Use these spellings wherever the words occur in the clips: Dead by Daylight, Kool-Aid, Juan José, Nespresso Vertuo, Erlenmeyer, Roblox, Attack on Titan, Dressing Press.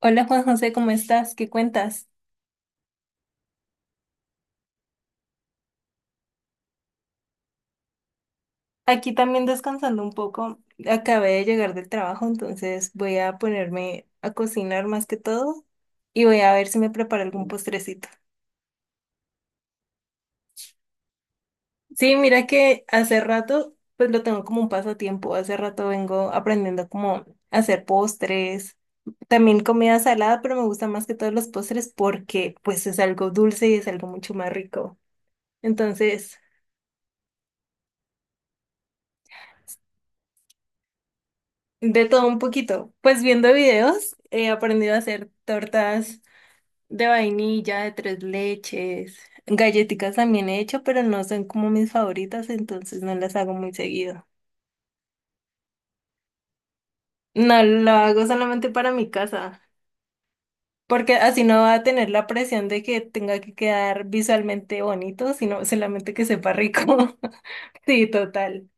Hola Juan José, ¿cómo estás? ¿Qué cuentas? Aquí también descansando un poco. Acabé de llegar del trabajo, entonces voy a ponerme a cocinar más que todo y voy a ver si me preparo algún postrecito. Sí, mira que hace rato, pues lo tengo como un pasatiempo. Hace rato vengo aprendiendo como a hacer postres, también comida salada, pero me gusta más que todos los postres porque pues es algo dulce y es algo mucho más rico. Entonces... De todo un poquito. Pues viendo videos he aprendido a hacer tortas de vainilla, de tres leches. Galletitas también he hecho, pero no son como mis favoritas, entonces no las hago muy seguido. No lo hago solamente para mi casa, porque así no va a tener la presión de que tenga que quedar visualmente bonito, sino solamente que sepa rico. Sí, total.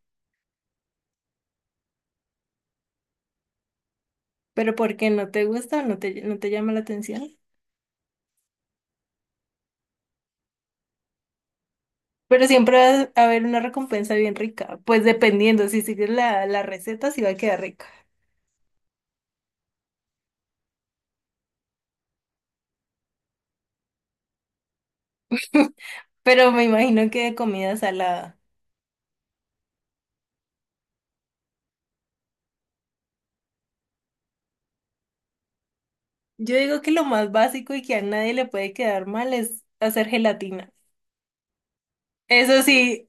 Pero ¿por qué no te gusta? ¿No te llama la atención. Pero siempre va a haber una recompensa bien rica. Pues dependiendo, si sigues la receta, sí va a quedar rica. Pero me imagino que de comida salada. Yo digo que lo más básico y que a nadie le puede quedar mal es hacer gelatina. Eso sí,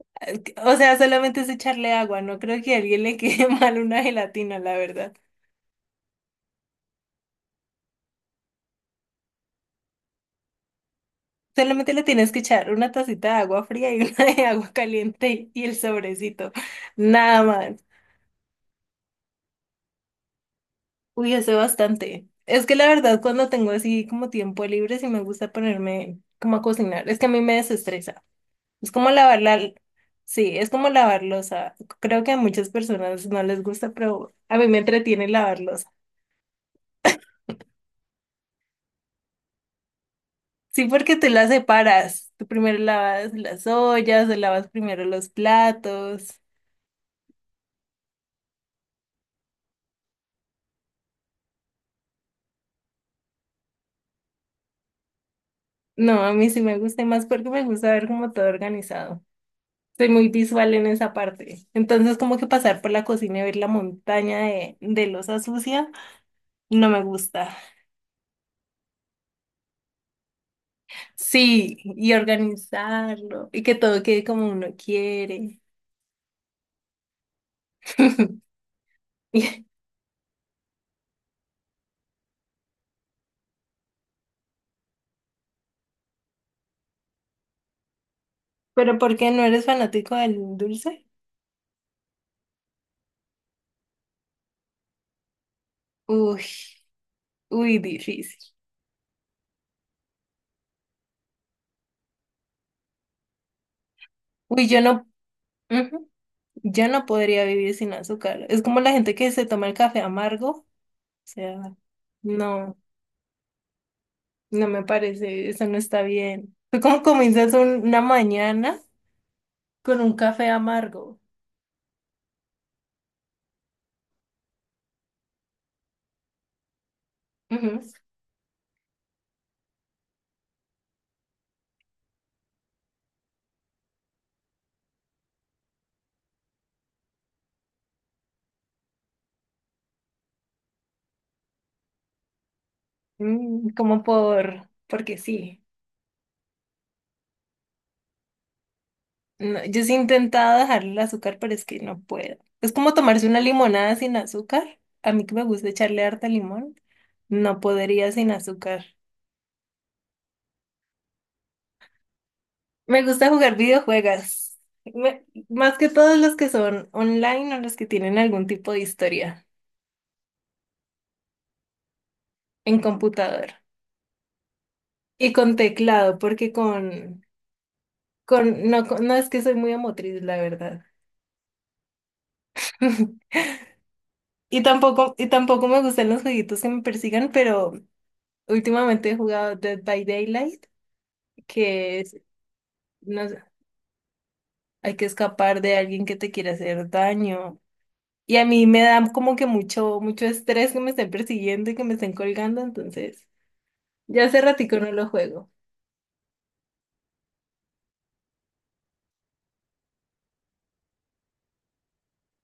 o sea, solamente es echarle agua. No creo que a alguien le quede mal una gelatina, la verdad. Solamente le tienes que echar una tacita de agua fría y una de agua caliente y el sobrecito. Nada más. Uy, hace bastante. Es que la verdad, cuando tengo así como tiempo libre, sí me gusta ponerme como a cocinar. Es que a mí me desestresa. Es como lavar la... Sí, es como lavar loza. Creo que a muchas personas no les gusta, pero a mí me entretiene lavar loza. Sí, porque tú la separas. Tú primero lavas las ollas, o lavas primero los platos. No, a mí sí me gusta y más porque me gusta ver como todo organizado. Soy muy visual en esa parte. Entonces, como que pasar por la cocina y ver la montaña de loza sucia, no me gusta. Sí, y organizarlo, y que todo quede como uno quiere. Y- Pero ¿por qué no eres fanático del dulce? Uy, uy, difícil. Uy, yo no, ujú, yo no podría vivir sin azúcar. Es como la gente que se toma el café amargo. O sea, no, no me parece, eso no está bien. Tú como comienzas una mañana con un café amargo. Ujú. Mm, porque sí. No, yo sí he intentado dejar el azúcar, pero es que no puedo. Es como tomarse una limonada sin azúcar. A mí que me gusta echarle harta limón, no podría sin azúcar. Me gusta jugar videojuegos. Más que todos los que son online o los que tienen algún tipo de historia en computador. Y con teclado, porque no es que soy muy emotriz, la verdad. Y tampoco me gustan los jueguitos que me persigan, pero últimamente he jugado Dead by Daylight, que es, no sé, hay que escapar de alguien que te quiere hacer daño. Y a mí me da como que mucho estrés que me estén persiguiendo y que me estén colgando, entonces ya hace ratico no lo juego.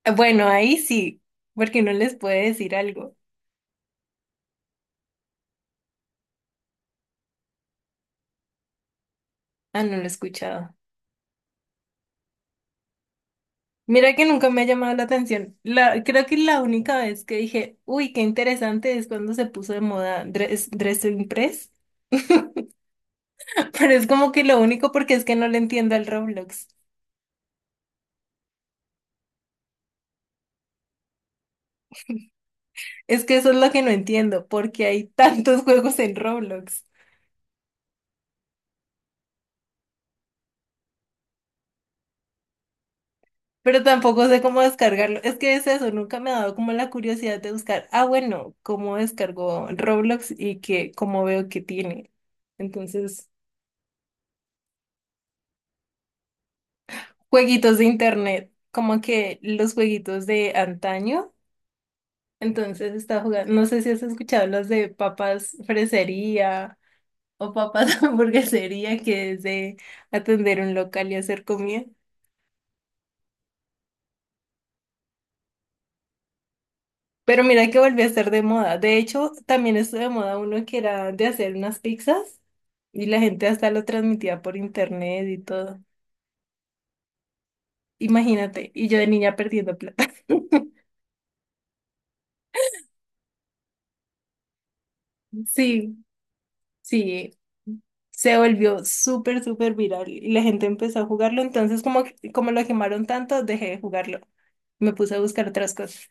Bueno, ahí sí, porque no les puede decir algo. Ah, no lo he escuchado. Mira que nunca me ha llamado la atención. La, creo que la única vez que dije, uy, qué interesante es cuando se puso de moda Dressing Press. Pero es como que lo único porque es que no le entiendo al Roblox. Es que eso es lo que no entiendo, porque hay tantos juegos en Roblox. Pero tampoco sé cómo descargarlo. Es que es eso, nunca me ha dado como la curiosidad de buscar, ah, bueno, cómo descargo Roblox y que, cómo veo que tiene. Entonces, jueguitos de internet, como que los jueguitos de antaño. Entonces estaba jugando, no sé si has escuchado los de papas fresería o papas hamburguesería, que es de atender un local y hacer comida. Pero mira que volvió a estar de moda. De hecho, también estuvo de moda uno que era de hacer unas pizzas y la gente hasta lo transmitía por internet y todo. Imagínate, y yo de niña perdiendo plata. Sí. Sí, se volvió súper viral y la gente empezó a jugarlo, entonces como, como lo quemaron tanto, dejé de jugarlo. Me puse a buscar otras cosas.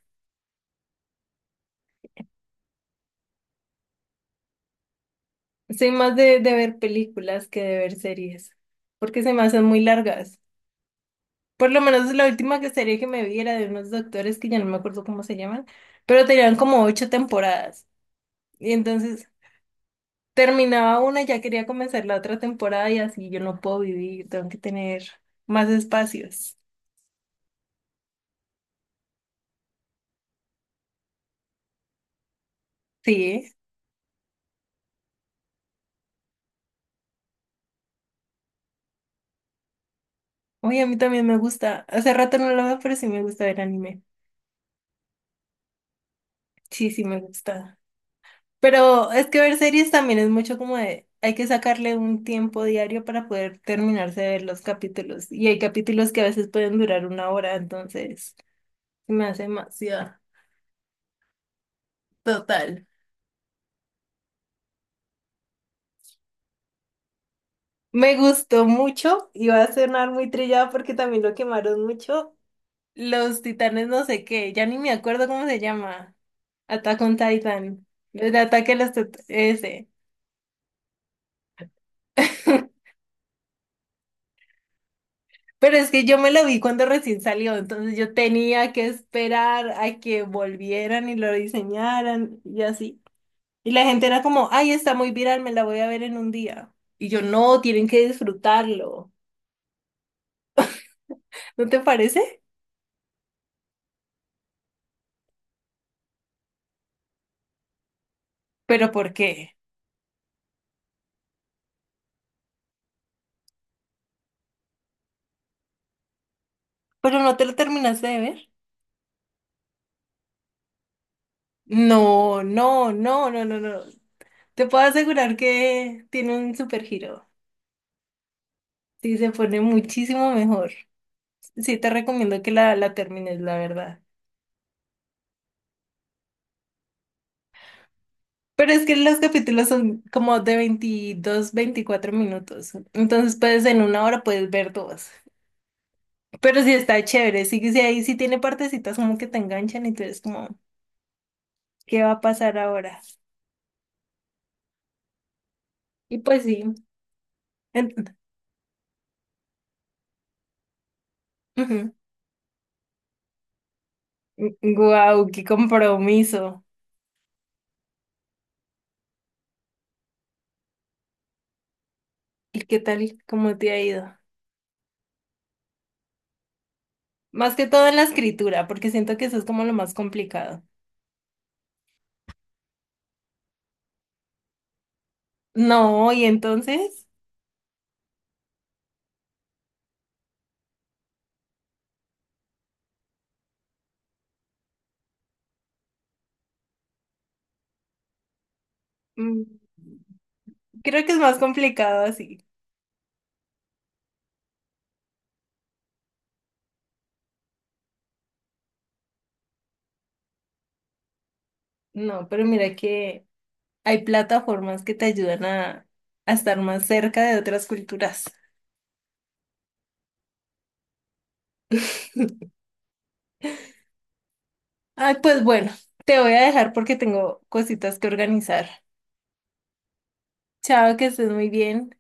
Soy más de ver películas que de ver series, porque se me hacen muy largas. Por lo menos la última que serie que me vi era de unos doctores que ya no me acuerdo cómo se llaman, pero tenían como 8 temporadas. Y entonces terminaba una y ya quería comenzar la otra temporada y así yo no puedo vivir, tengo que tener más espacios. Sí. Oye, a mí también me gusta. Hace rato no lo veo, pero sí me gusta ver anime. Sí, sí me gusta. Pero es que ver series también es mucho como de, hay que sacarle un tiempo diario para poder terminarse de ver los capítulos. Y hay capítulos que a veces pueden durar una hora, entonces se me hace demasiado. Total. Me gustó mucho y va a sonar muy trillado porque también lo quemaron mucho. Los titanes no sé qué, ya ni me acuerdo cómo se llama. Attack on Titan. El ataque a los ese. Pero es que yo me lo vi cuando recién salió, entonces yo tenía que esperar a que volvieran y lo diseñaran y así. Y la gente era como, ay, está muy viral, me la voy a ver en un día. Y yo, no, tienen que disfrutarlo. ¿No te parece? ¿Pero por qué? ¿Pero no te lo terminaste de ver? No, no, no, no, no, no. Te puedo asegurar que tiene un super giro. Sí, se pone muchísimo mejor. Sí, te recomiendo que la termines, la verdad. Pero es que los capítulos son como de 22, 24 minutos. Entonces, pues en una hora puedes ver dos. Pero sí está chévere. Sí, que sí, ahí sí tiene partecitas como que te enganchan y tú eres como, ¿qué va a pasar ahora? Y pues sí. en- ujú. Guau, qué compromiso. ¿Y qué tal? ¿Cómo te ha ido? Más que todo en la escritura, porque siento que eso es como lo más complicado. No, y entonces, Mm, creo que es más complicado así. No, pero mira que hay plataformas que te ayudan a estar más cerca de otras culturas. Ay, pues bueno, te voy a dejar porque tengo cositas que organizar. Chao, que estés muy bien.